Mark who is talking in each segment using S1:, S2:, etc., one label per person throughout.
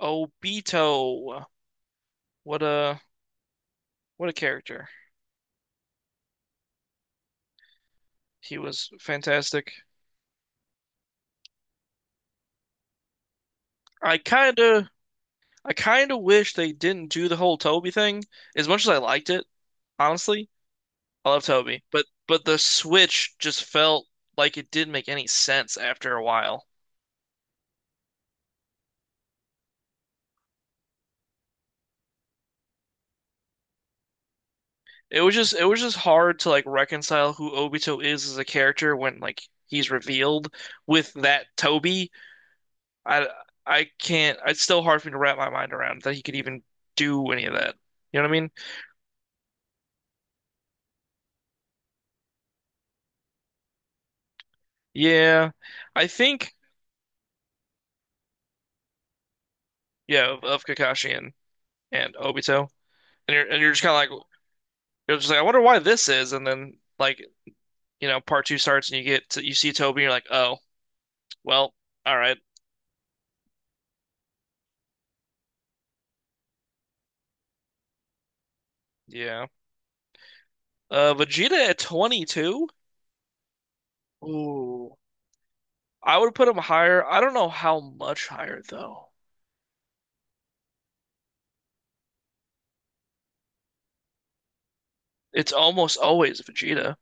S1: Obito. What a what a character. He was fantastic. I kind of I kind of wish they didn't do the whole Toby thing. As much as I liked it, honestly, I love Toby, but the switch just felt like it didn't make any sense after a while. It was just hard to like reconcile who Obito is as a character when like he's revealed with that Toby. I I can't. It's still hard for me to wrap my mind around that he could even do any of that. You know what I mean? Yeah, I think yeah of Kakashi and Obito, and you're just kind of like you're just like I wonder why this is, and then like you know part two starts and you get to, you see Toby and you're like oh well all right yeah, Vegeta at 22. Ooh. I would put him higher. I don't know how much higher though. It's almost always Vegeta.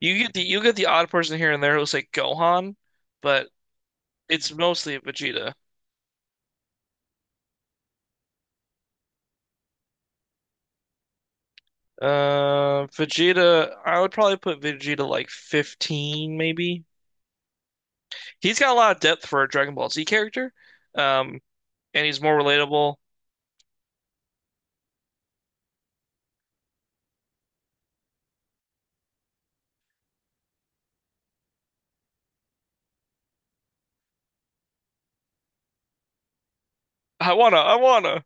S1: You get the you get the odd person here and there who's like Gohan, but it's mostly Vegeta. Vegeta, I would probably put Vegeta like 15, maybe. He's got a lot of depth for a Dragon Ball Z character. Um, and he's more relatable. I wanna.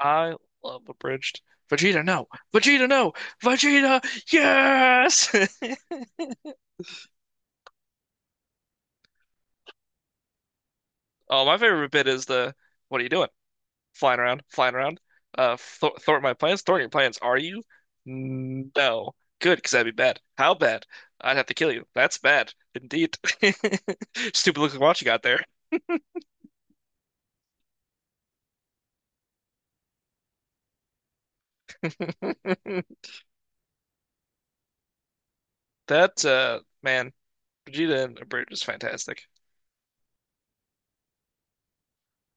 S1: I love Abridged. Vegeta, no. Vegeta, no. Vegeta, yes. Oh, my favorite bit is the, what are you doing? Flying around, flying around. Th Thwart my plans, thwart your plans. Are you? No. Good, because that'd be bad. How bad? I'd have to kill you. That's bad, indeed. Stupid looking watch you got there. That man, Vegeta and Abridged is fantastic.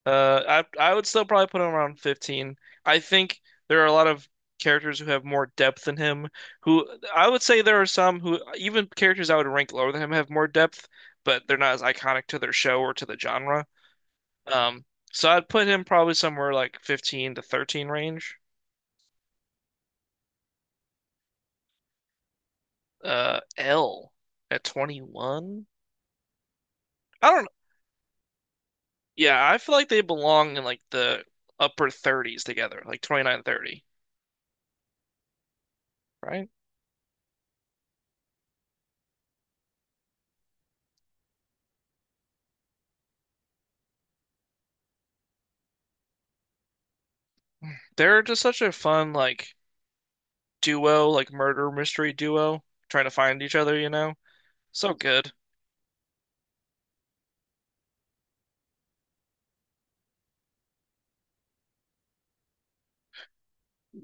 S1: Uh, I would still probably put him around 15. I think there are a lot of characters who have more depth than him. Who I would say there are some who even characters I would rank lower than him have more depth, but they're not as iconic to their show or to the genre. Um, so I'd put him probably somewhere like 15 to 13 range. L at 21. I don't know. Yeah, I feel like they belong in like the upper 30s together, like 29, 30. Right? They're just such a fun like duo, like murder mystery duo, trying to find each other, you know? So good.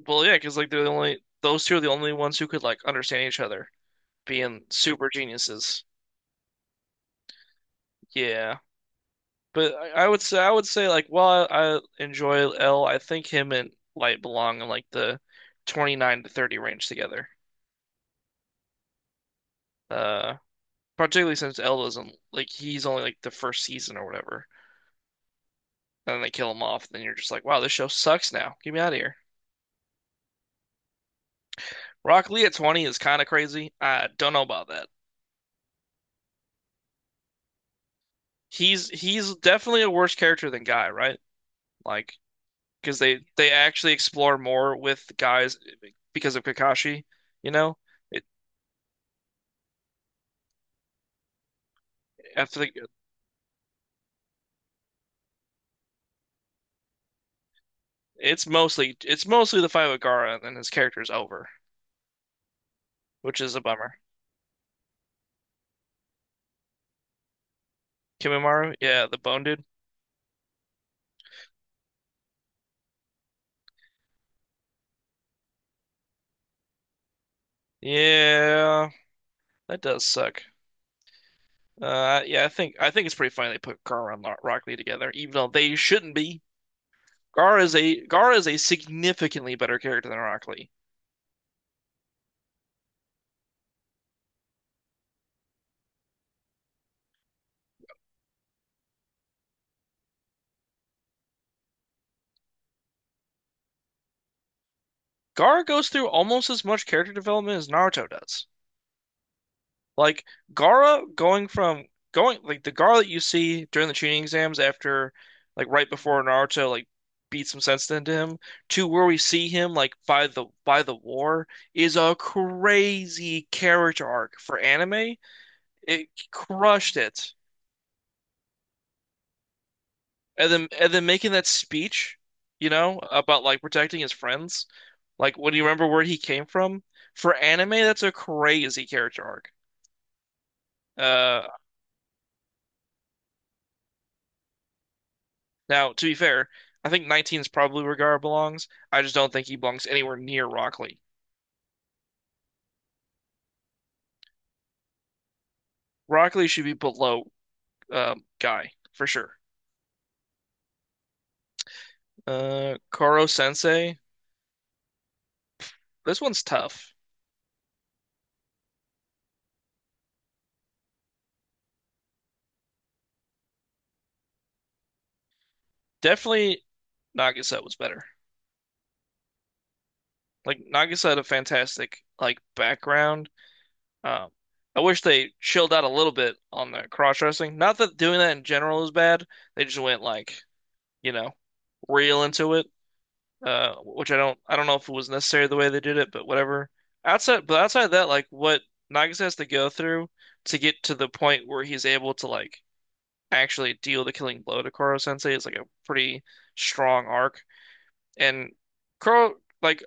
S1: Well, yeah, because like they're the only those two are the only ones who could like understand each other, being super geniuses. Yeah. But I would say I would say like while I enjoy L, I think him and Light belong in like the 29 to 30 range together. Uh, Particularly since L doesn't like he's only like the first season or whatever, and then they kill him off. And then you're just like, wow, this show sucks now. Get me out of here. Rock Lee at 20 is kind of crazy. I don't know about that. He's definitely a worse character than Guy, right? Like because they actually explore more with guys because of Kakashi, you know? It, after the, it's mostly it's mostly the fight with Gaara, and then his character's over, which is a bummer. Kimimaru, yeah, the bone dude, yeah, that does suck. Yeah, I think it's pretty funny they put Gaara and Rock Lee together, even though they shouldn't be. Gaara is a significantly better character than Rock Lee. Gaara goes through almost as much character development as Naruto does. Like Gara going from going like the Gara that you see during the tuning exams after like right before Naruto like beat some sense into him to where we see him like by the war is a crazy character arc for anime. It crushed it. And then making that speech, you know, about like protecting his friends. Like what do you remember where he came from? For anime, that's a crazy character arc. Uh Now, to be fair, I think 19 is probably where Gara belongs. I just don't think he belongs anywhere near Rockley. Rockley should be below Guy for sure. Koro Sensei, this one's tough. Definitely Nagisa was better. Like Nagisa had a fantastic like background. Um, I wish they chilled out a little bit on the cross dressing. Not that doing that in general is bad. They just went like, you know, real into it. Which I don't know if it was necessary the way they did it, but whatever. Outside, but outside of that, like what Nagisa has to go through to get to the point where he's able to like actually deal the killing blow to Koro Sensei is like a pretty strong arc. And Koro, like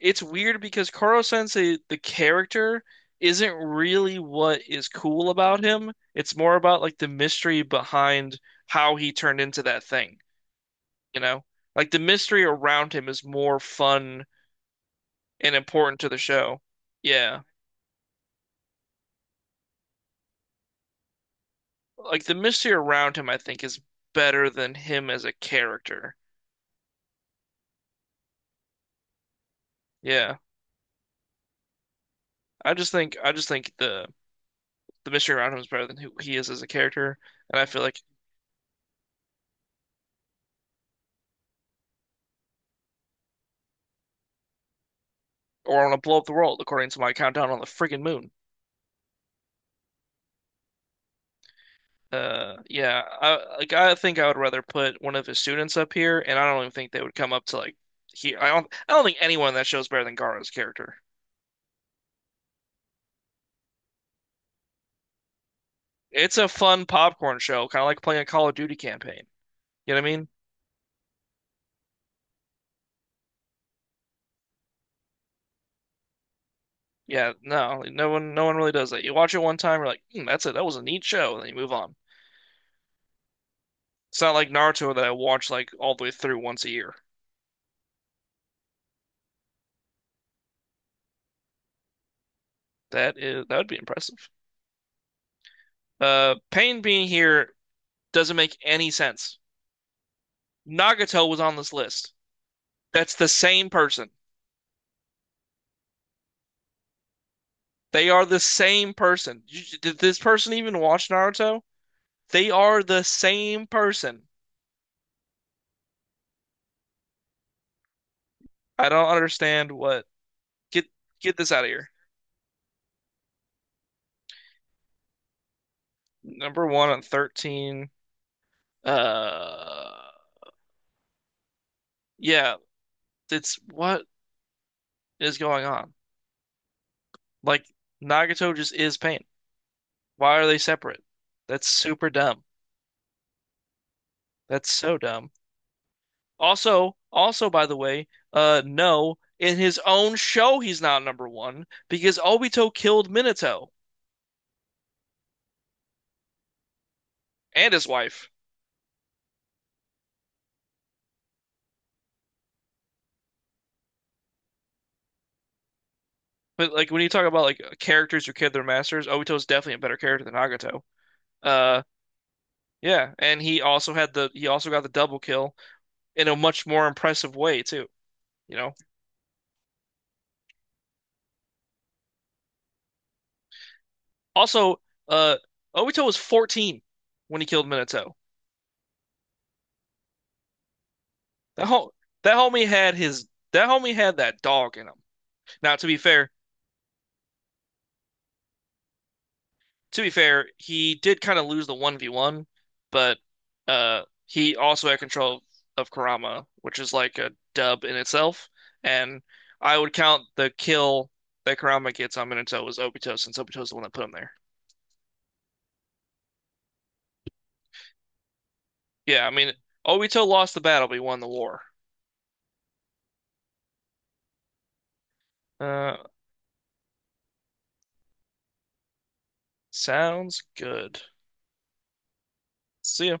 S1: it's weird because Koro Sensei, the character, isn't really what is cool about him. It's more about like the mystery behind how he turned into that thing, you know? Like the mystery around him is more fun and important to the show. Yeah. Like the mystery around him, I think, is better than him as a character. Yeah. I just think the mystery around him is better than who he is as a character. And I feel like or I want to blow up the world according to my countdown on the friggin' moon. Yeah, I like I think I would rather put one of his students up here and I don't even think they would come up to like here. I don't think anyone in that show is better than Gaara's character. It's a fun popcorn show, kind of like playing a Call of Duty campaign. You know what I mean? Yeah, no, like, no one really does that. You watch it one time, you're like, hmm, that's it. That was a neat show, and then you move on. It's not like Naruto that I watch like all the way through once a year. That is, that would be impressive. Pain being here doesn't make any sense. Nagato was on this list. That's the same person. They are the same person. Did this person even watch Naruto? They are the same person. I don't understand what. Get get this out of here. Number one on 13. Uh, yeah, it's what is going on? Like Nagato just is pain. Why are they separate? That's super dumb. That's so dumb. Also, also by the way, no, in his own show he's not number one because Obito killed Minato and his wife. But like when you talk about like characters who killed their masters, Obito's definitely a better character than Nagato. Uh yeah, and he also got the double kill in a much more impressive way too, you know? Also, uh, Obito was 14 when he killed Minato. That whole that homie had that dog in him. Now, to be fair, he did kind of lose the 1v1, but he also had control of Kurama, which is like a dub in itself. And I would count the kill that Kurama gets on Minato as Obito, since Obito's the one that put him there. Yeah, I mean, Obito lost the battle, but he won the war. Uh, Sounds good. See ya.